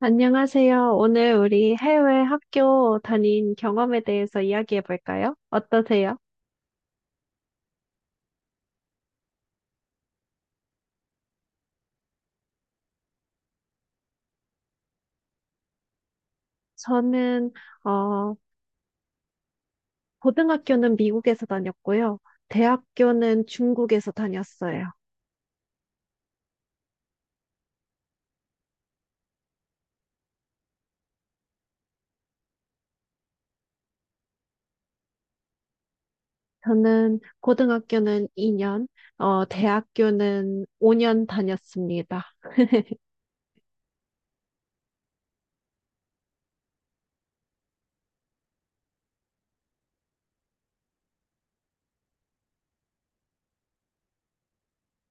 안녕하세요. 오늘 우리 해외 학교 다닌 경험에 대해서 이야기해 볼까요? 어떠세요? 저는, 어, 고등학교는 미국에서 다녔고요. 대학교는 중국에서 다녔어요. 저는 고등학교는 2년, 대학교는 5년 다녔습니다.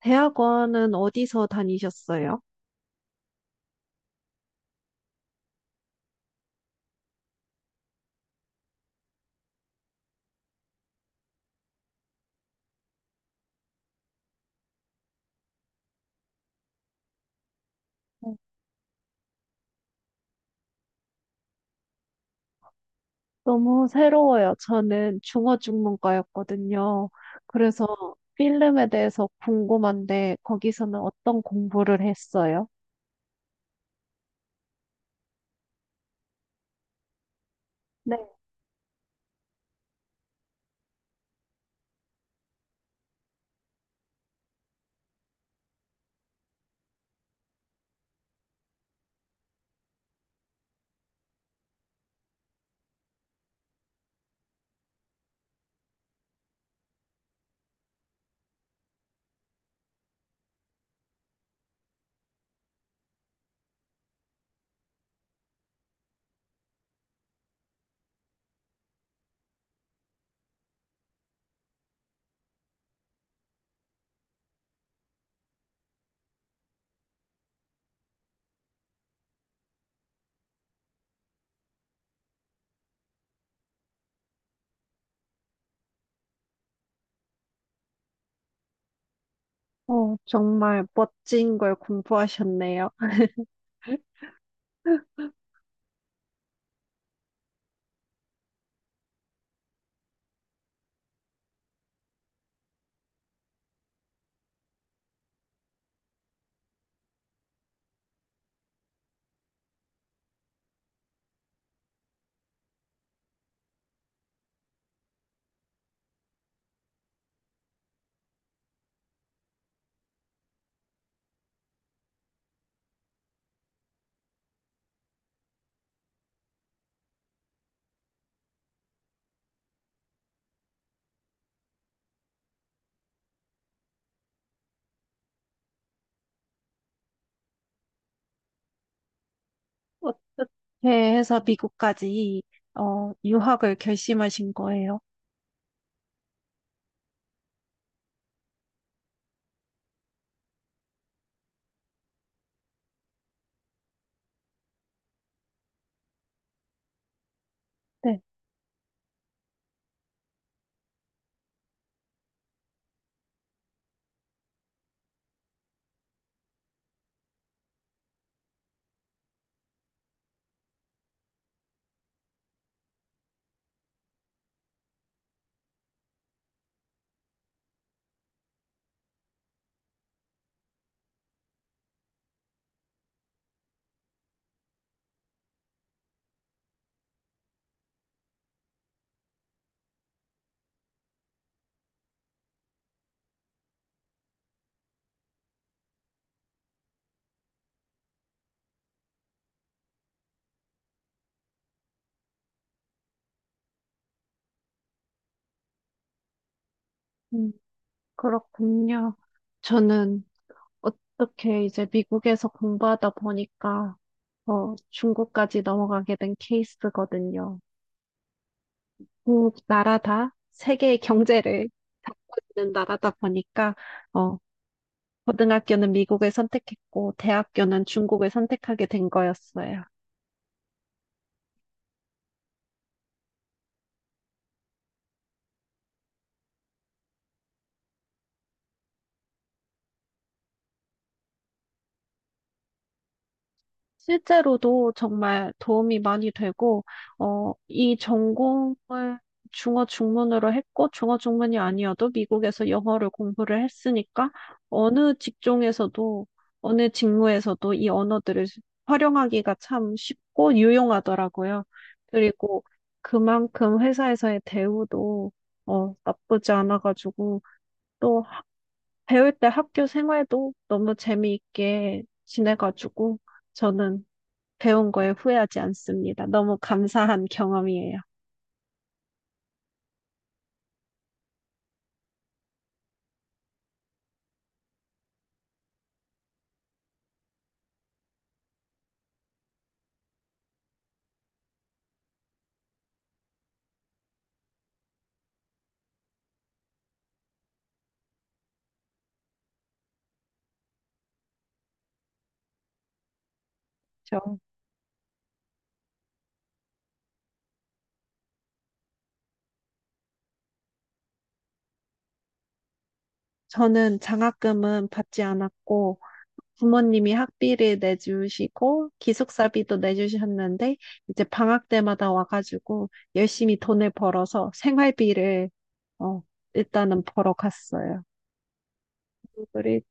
대학원은 어디서 다니셨어요? 너무 새로워요. 저는 중어중문과였거든요. 그래서 필름에 대해서 궁금한데 거기서는 어떤 공부를 했어요? 네. 어, 정말 멋진 걸 공부하셨네요. 어떻게 해서 미국까지 유학을 결심하신 거예요? 네, 음, 그렇군요. 저는 어떻게 이제 미국에서 공부하다 보니까 중국까지 넘어가게 된 케이스거든요. 국 나라 다 세계의 경제를 잡고 있는 나라다 보니까 어, 고등학교는 미국을 선택했고 대학교는 중국을 선택하게 된 거였어요. 실제로도 정말 도움이 많이 되고, 이 전공을 중어 중문으로 했고, 중어 중문이 아니어도 미국에서 영어를 공부를 했으니까, 어느 직종에서도, 어느 직무에서도 이 언어들을 활용하기가 참 쉽고 유용하더라고요. 그리고 그만큼 회사에서의 대우도, 나쁘지 않아가지고, 또 배울 때 학교 생활도 너무 재미있게 지내가지고, 저는 배운 거에 후회하지 않습니다. 너무 감사한 경험이에요. 저, 저는 장학금은 받지 않았고, 부모님이 학비를 내주시고, 기숙사비도 내주셨는데, 이제 방학 때마다 와가지고, 열심히 돈을 벌어서 생활비를, 어, 일단은 벌어 갔어요. 그리고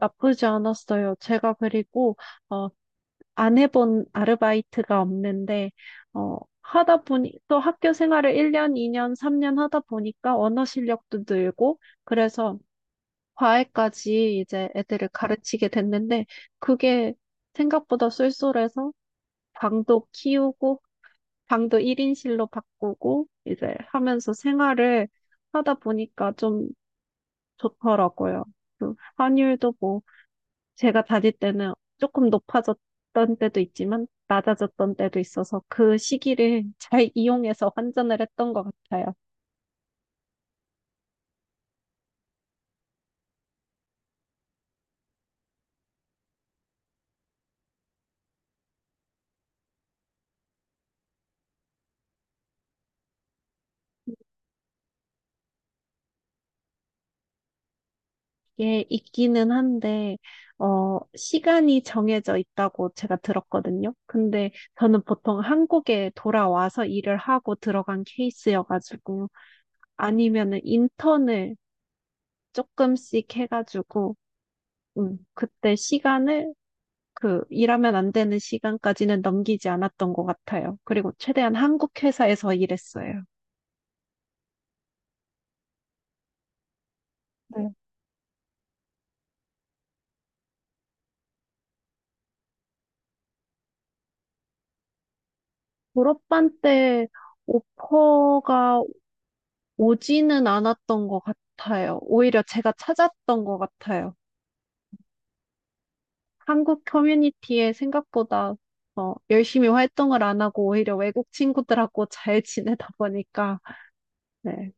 나쁘지 않았어요. 제가 그리고, 어 안 해본 아르바이트가 없는데, 하다 보니, 또 학교 생활을 1년, 2년, 3년 하다 보니까 언어 실력도 늘고, 그래서 과외까지 이제 애들을 가르치게 됐는데, 그게 생각보다 쏠쏠해서 방도 키우고, 방도 1인실로 바꾸고, 이제 하면서 생활을 하다 보니까 좀 좋더라고요. 그 환율도 뭐, 제가 다닐 때는 조금 높아졌던 때도 있지만 낮아졌던 때도 있어서 그 시기를 잘 이용해서 환전을 했던 것 같아요. 이게 있기는 한데, 어, 시간이 정해져 있다고 제가 들었거든요. 근데 저는 보통 한국에 돌아와서 일을 하고 들어간 케이스여가지고, 아니면은 인턴을 조금씩 해가지고, 그때 시간을 그 일하면 안 되는 시간까지는 넘기지 않았던 것 같아요. 그리고 최대한 한국 회사에서 일했어요. 네. 졸업반 때 오퍼가 오지는 않았던 것 같아요. 오히려 제가 찾았던 것 같아요. 한국 커뮤니티에 생각보다 열심히 활동을 안 하고 오히려 외국 친구들하고 잘 지내다 보니까 네,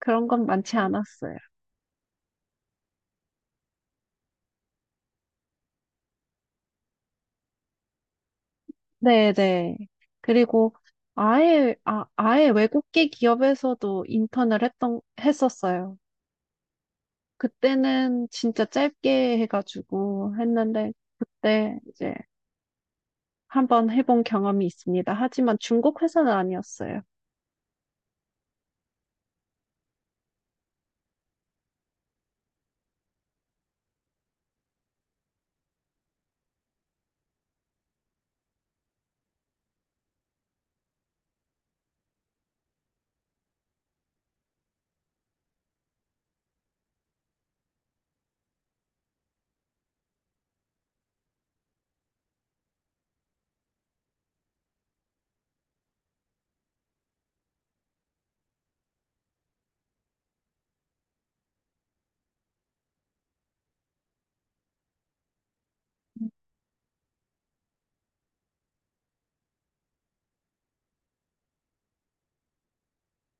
그런 건 많지 않았어요. 네네. 그리고 아예 외국계 기업에서도 했었어요. 그때는 진짜 짧게 해가지고 했는데, 그때 이제 한번 해본 경험이 있습니다. 하지만 중국 회사는 아니었어요.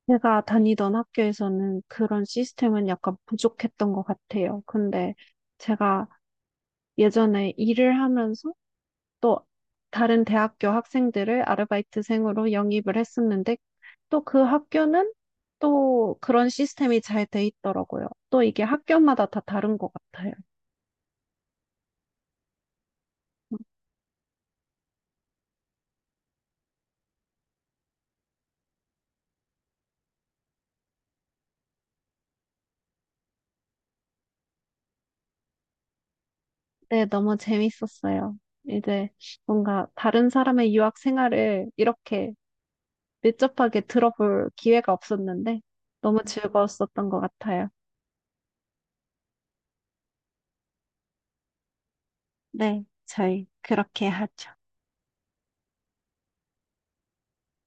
제가 다니던 학교에서는 그런 시스템은 약간 부족했던 것 같아요. 근데 제가 예전에 일을 하면서 또 다른 대학교 학생들을 아르바이트생으로 영입을 했었는데 또 그 학교는 또 그런 시스템이 잘 돼 있더라고요. 또 이게 학교마다 다 다른 것 같아요. 네, 너무 재밌었어요. 이제 뭔가 다른 사람의 유학 생활을 이렇게 밀접하게 들어볼 기회가 없었는데 너무 즐거웠었던 것 같아요. 네, 저희 그렇게 하죠.